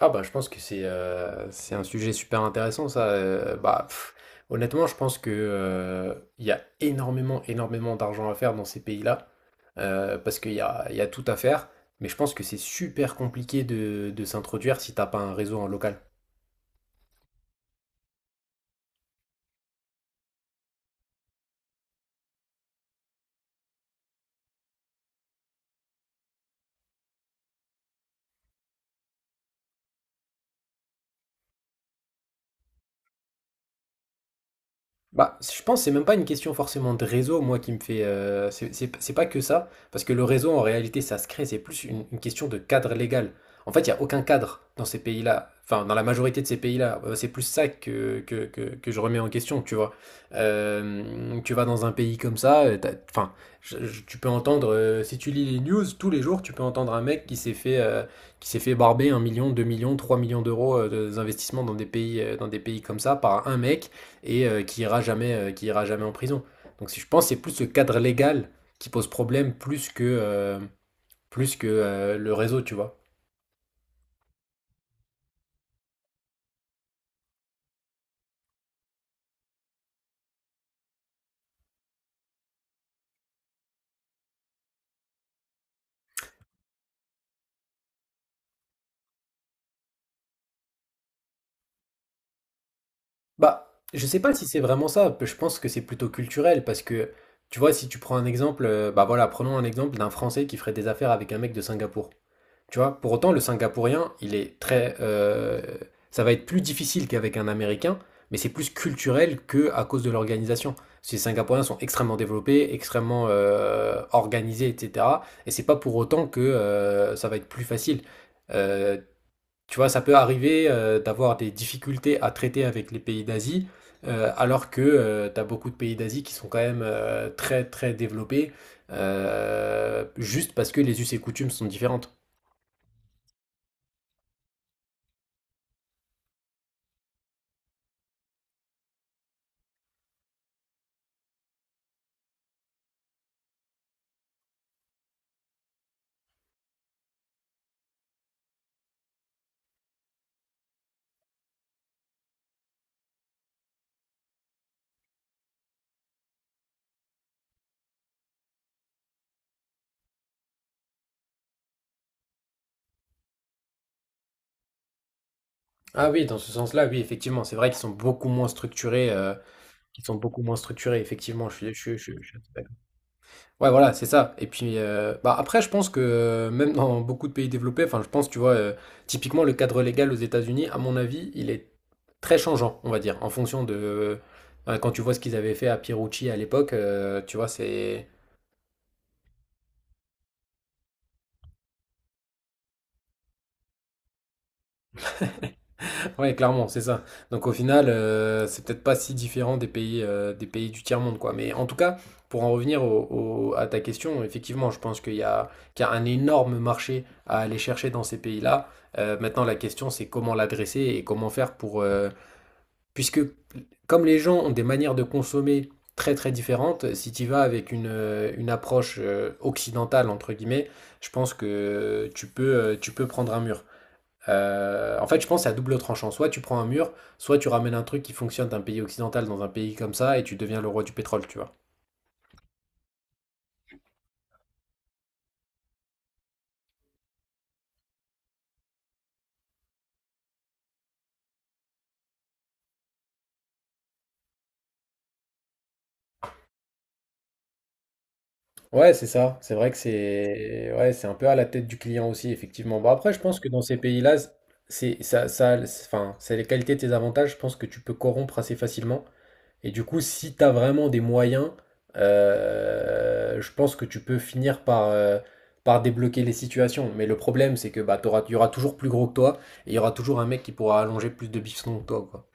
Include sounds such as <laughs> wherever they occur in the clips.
Ah bah je pense que c'est un sujet super intéressant ça. Bah honnêtement je pense que il y a énormément énormément d'argent à faire dans ces pays-là, parce qu'il y a tout à faire. Mais je pense que c'est super compliqué de s'introduire si t'as pas un réseau en local. Bah, je pense que c'est même pas une question forcément de réseau, moi, qui me fait. C'est pas que ça, parce que le réseau, en réalité, ça se crée, c'est plus une question de cadre légal. En fait, il n'y a aucun cadre dans ces pays-là, enfin, dans la majorité de ces pays-là. C'est plus ça que je remets en question, tu vois. Tu vas dans un pays comme ça, enfin, tu peux entendre, si tu lis les news, tous les jours, tu peux entendre un mec qui s'est fait barber 1 million, 2 millions, 3 millions d'euros, d'investissement dans des pays comme ça par un mec et qui ira jamais en prison. Donc si je pense, c'est plus ce cadre légal qui pose problème plus que le réseau, tu vois. Bah, je sais pas si c'est vraiment ça. Je pense que c'est plutôt culturel parce que, tu vois, si tu prends un exemple, bah voilà, prenons un exemple d'un Français qui ferait des affaires avec un mec de Singapour. Tu vois, pour autant, le Singapourien, il est très. Ça va être plus difficile qu'avec un Américain, mais c'est plus culturel que à cause de l'organisation. Ces Singapouriens sont extrêmement développés, extrêmement organisés, etc. Et c'est pas pour autant que ça va être plus facile. Euh, Tu vois, ça peut arriver d'avoir des difficultés à traiter avec les pays d'Asie, alors que tu as beaucoup de pays d'Asie qui sont quand même très très développés, juste parce que les us et coutumes sont différentes. Ah oui, dans ce sens-là, oui, effectivement, c'est vrai qu'ils sont beaucoup moins structurés, ils sont beaucoup moins structurés, effectivement, je suis assez d'accord. Ouais, voilà, c'est ça et puis, bah, après je pense que même dans beaucoup de pays développés, enfin je pense, tu vois, typiquement le cadre légal aux États-Unis, à mon avis, il est très changeant, on va dire, en fonction de, bah, quand tu vois ce qu'ils avaient fait à Pierucci à l'époque, tu vois, c'est. Ouais, clairement, c'est ça. Donc au final, c'est peut-être pas si différent des pays du tiers-monde, quoi. Mais en tout cas, pour en revenir à ta question, effectivement, je pense qu'il y a un énorme marché à aller chercher dans ces pays-là. Maintenant, la question, c'est comment l'adresser et comment faire puisque comme les gens ont des manières de consommer très très différentes, si tu vas avec une approche occidentale, entre guillemets, je pense que tu peux prendre un mur. En fait, je pense que c'est à double tranchant. Soit tu prends un mur, soit tu ramènes un truc qui fonctionne d'un pays occidental dans un pays comme ça et tu deviens le roi du pétrole, tu vois. Ouais, c'est ça. C'est vrai que c'est, ouais, c'est un peu à la tête du client aussi, effectivement. Bon, après, je pense que dans ces pays-là, c'est ça, enfin, c'est les qualités de tes avantages. Je pense que tu peux corrompre assez facilement. Et du coup, si tu as vraiment des moyens, je pense que tu peux finir par débloquer les situations. Mais le problème, c'est que bah, il y aura toujours plus gros que toi, et il y aura toujours un mec qui pourra allonger plus de bifton que toi, quoi.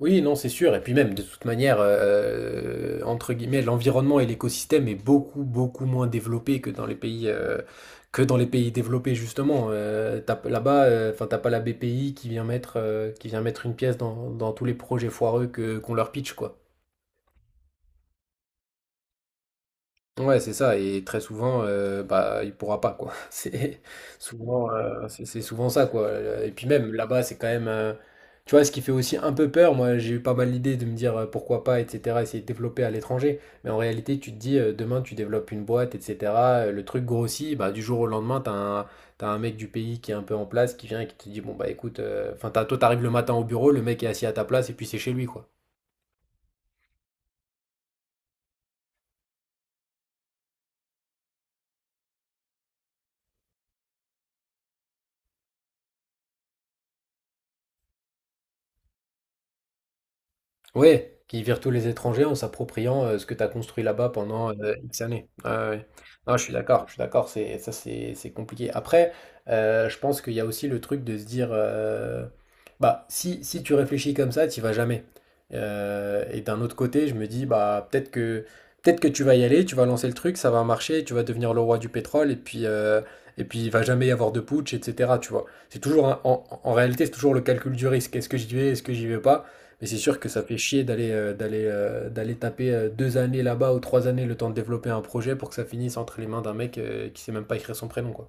Oui, non, c'est sûr. Et puis même, de toute manière, entre guillemets, l'environnement et l'écosystème est beaucoup, beaucoup moins développé que dans les pays développés, justement. Là-bas, enfin, t'as pas la BPI qui vient mettre une pièce dans tous les projets foireux qu'on leur pitch, quoi. Ouais, c'est ça et très souvent, bah, il pourra pas quoi. <laughs> C'est souvent, c'est souvent ça quoi. Et puis même là-bas, c'est quand même, tu vois, ce qui fait aussi un peu peur, moi, j'ai eu pas mal l'idée de me dire: «Pourquoi pas?» et cetera, essayer de développer à l'étranger. Mais en réalité, tu te dis, demain, tu développes une boîte et cetera, le truc grossit, bah, du jour au lendemain, t'as as un tu un mec du pays qui est un peu en place, qui vient et qui te dit: «Bon, bah, écoute», enfin, t'as toi, t'arrives le matin au bureau, le mec est assis à ta place et puis c'est chez lui quoi. Ouais, qui virent tous les étrangers en s'appropriant, ce que tu as construit là-bas pendant, X années. Ouais, ouais, ouais. Non, je suis d'accord, c'est ça, c'est compliqué. Après, je pense qu'il y a aussi le truc de se dire, bah, si tu réfléchis comme ça, tu y vas jamais. Et d'un autre côté, je me dis, bah, peut-être que tu vas y aller, tu vas lancer le truc, ça va marcher, tu vas devenir le roi du pétrole et puis il va jamais y avoir de putsch et cetera, tu vois? C'est toujours un en en réalité, c'est toujours le calcul du risque. Est-ce que j'y vais? Est-ce que j'y vais pas? Mais c'est sûr que ça fait chier d'aller taper 2 années là-bas ou 3 années le temps de développer un projet pour que ça finisse entre les mains d'un mec, qui sait même pas écrire son prénom, quoi.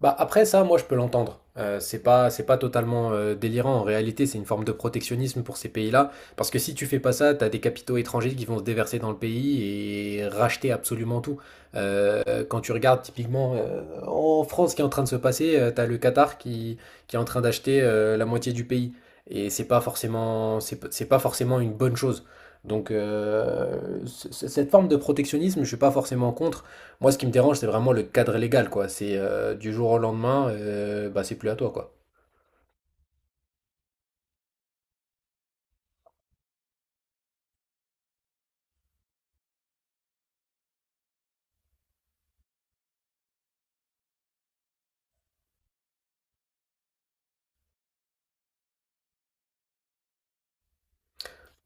Bah après ça, moi je peux l'entendre. C'est pas totalement délirant. En réalité, c'est une forme de protectionnisme pour ces pays-là. Parce que si tu fais pas ça, t'as des capitaux étrangers qui vont se déverser dans le pays et racheter absolument tout. Quand tu regardes typiquement en France ce qui est en train de se passer, t'as le Qatar qui est en train d'acheter la moitié du pays. Et c'est pas forcément, c'est pas forcément une bonne chose. Donc cette forme de protectionnisme, je suis pas forcément contre. Moi, ce qui me dérange, c'est vraiment le cadre légal, quoi. C'est, du jour au lendemain, bah, c'est plus à toi, quoi.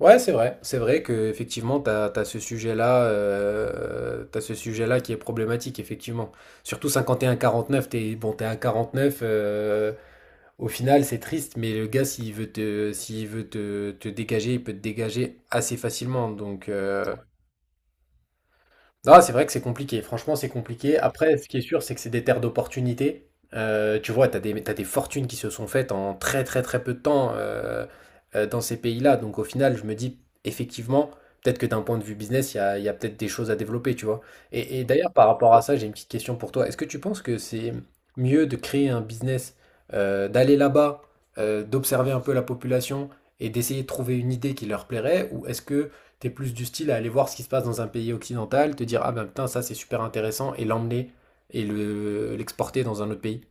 Ouais, c'est vrai. C'est vrai que effectivement, t'as ce sujet-là qui est problématique, effectivement. Surtout 51-49, t'es bon, t'es à 49, au final, c'est triste, mais le gars, s'il veut te dégager, il peut te dégager assez facilement. Donc, ah, c'est vrai que c'est compliqué. Franchement, c'est compliqué. Après, ce qui est sûr, c'est que c'est des terres d'opportunités. Tu vois, t'as des fortunes qui se sont faites en très, très, très peu de temps, dans ces pays-là. Donc, au final, je me dis, effectivement, peut-être que d'un point de vue business, il y a peut-être des choses à développer, tu vois. Et d'ailleurs, par rapport à ça, j'ai une petite question pour toi. Est-ce que tu penses que c'est mieux de créer un business, d'aller là-bas, d'observer un peu la population et d'essayer de trouver une idée qui leur plairait? Ou est-ce que t'es plus du style à aller voir ce qui se passe dans un pays occidental, te dire ah ben putain ça c'est super intéressant et l'emmener et le l'exporter dans un autre pays.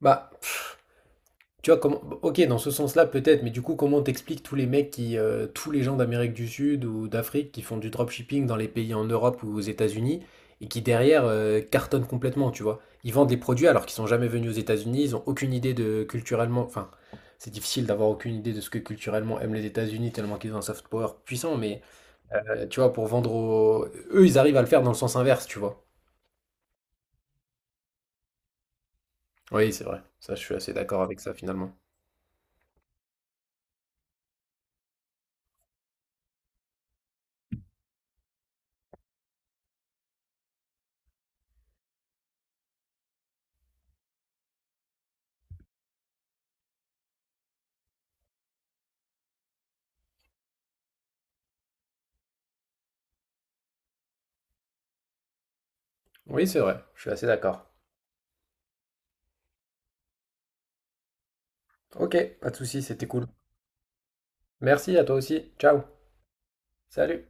Bah tu vois comment, ok, dans ce sens-là peut-être, mais du coup comment t'expliques tous les gens d'Amérique du Sud ou d'Afrique qui font du dropshipping dans les pays en Europe ou aux États-Unis et qui derrière cartonnent complètement, tu vois. Ils vendent des produits alors qu'ils sont jamais venus aux États-Unis, ils ont aucune idée de culturellement, enfin c'est difficile d'avoir aucune idée de ce que culturellement aiment les États-Unis tellement qu'ils ont un soft power puissant, mais. Tu vois, eux, ils arrivent à le faire dans le sens inverse, tu vois. Oui, c'est vrai. Ça, je suis assez d'accord avec ça, finalement. Oui, c'est vrai. Je suis assez d'accord. Ok, pas de souci, c'était cool. Merci à toi aussi. Ciao. Salut.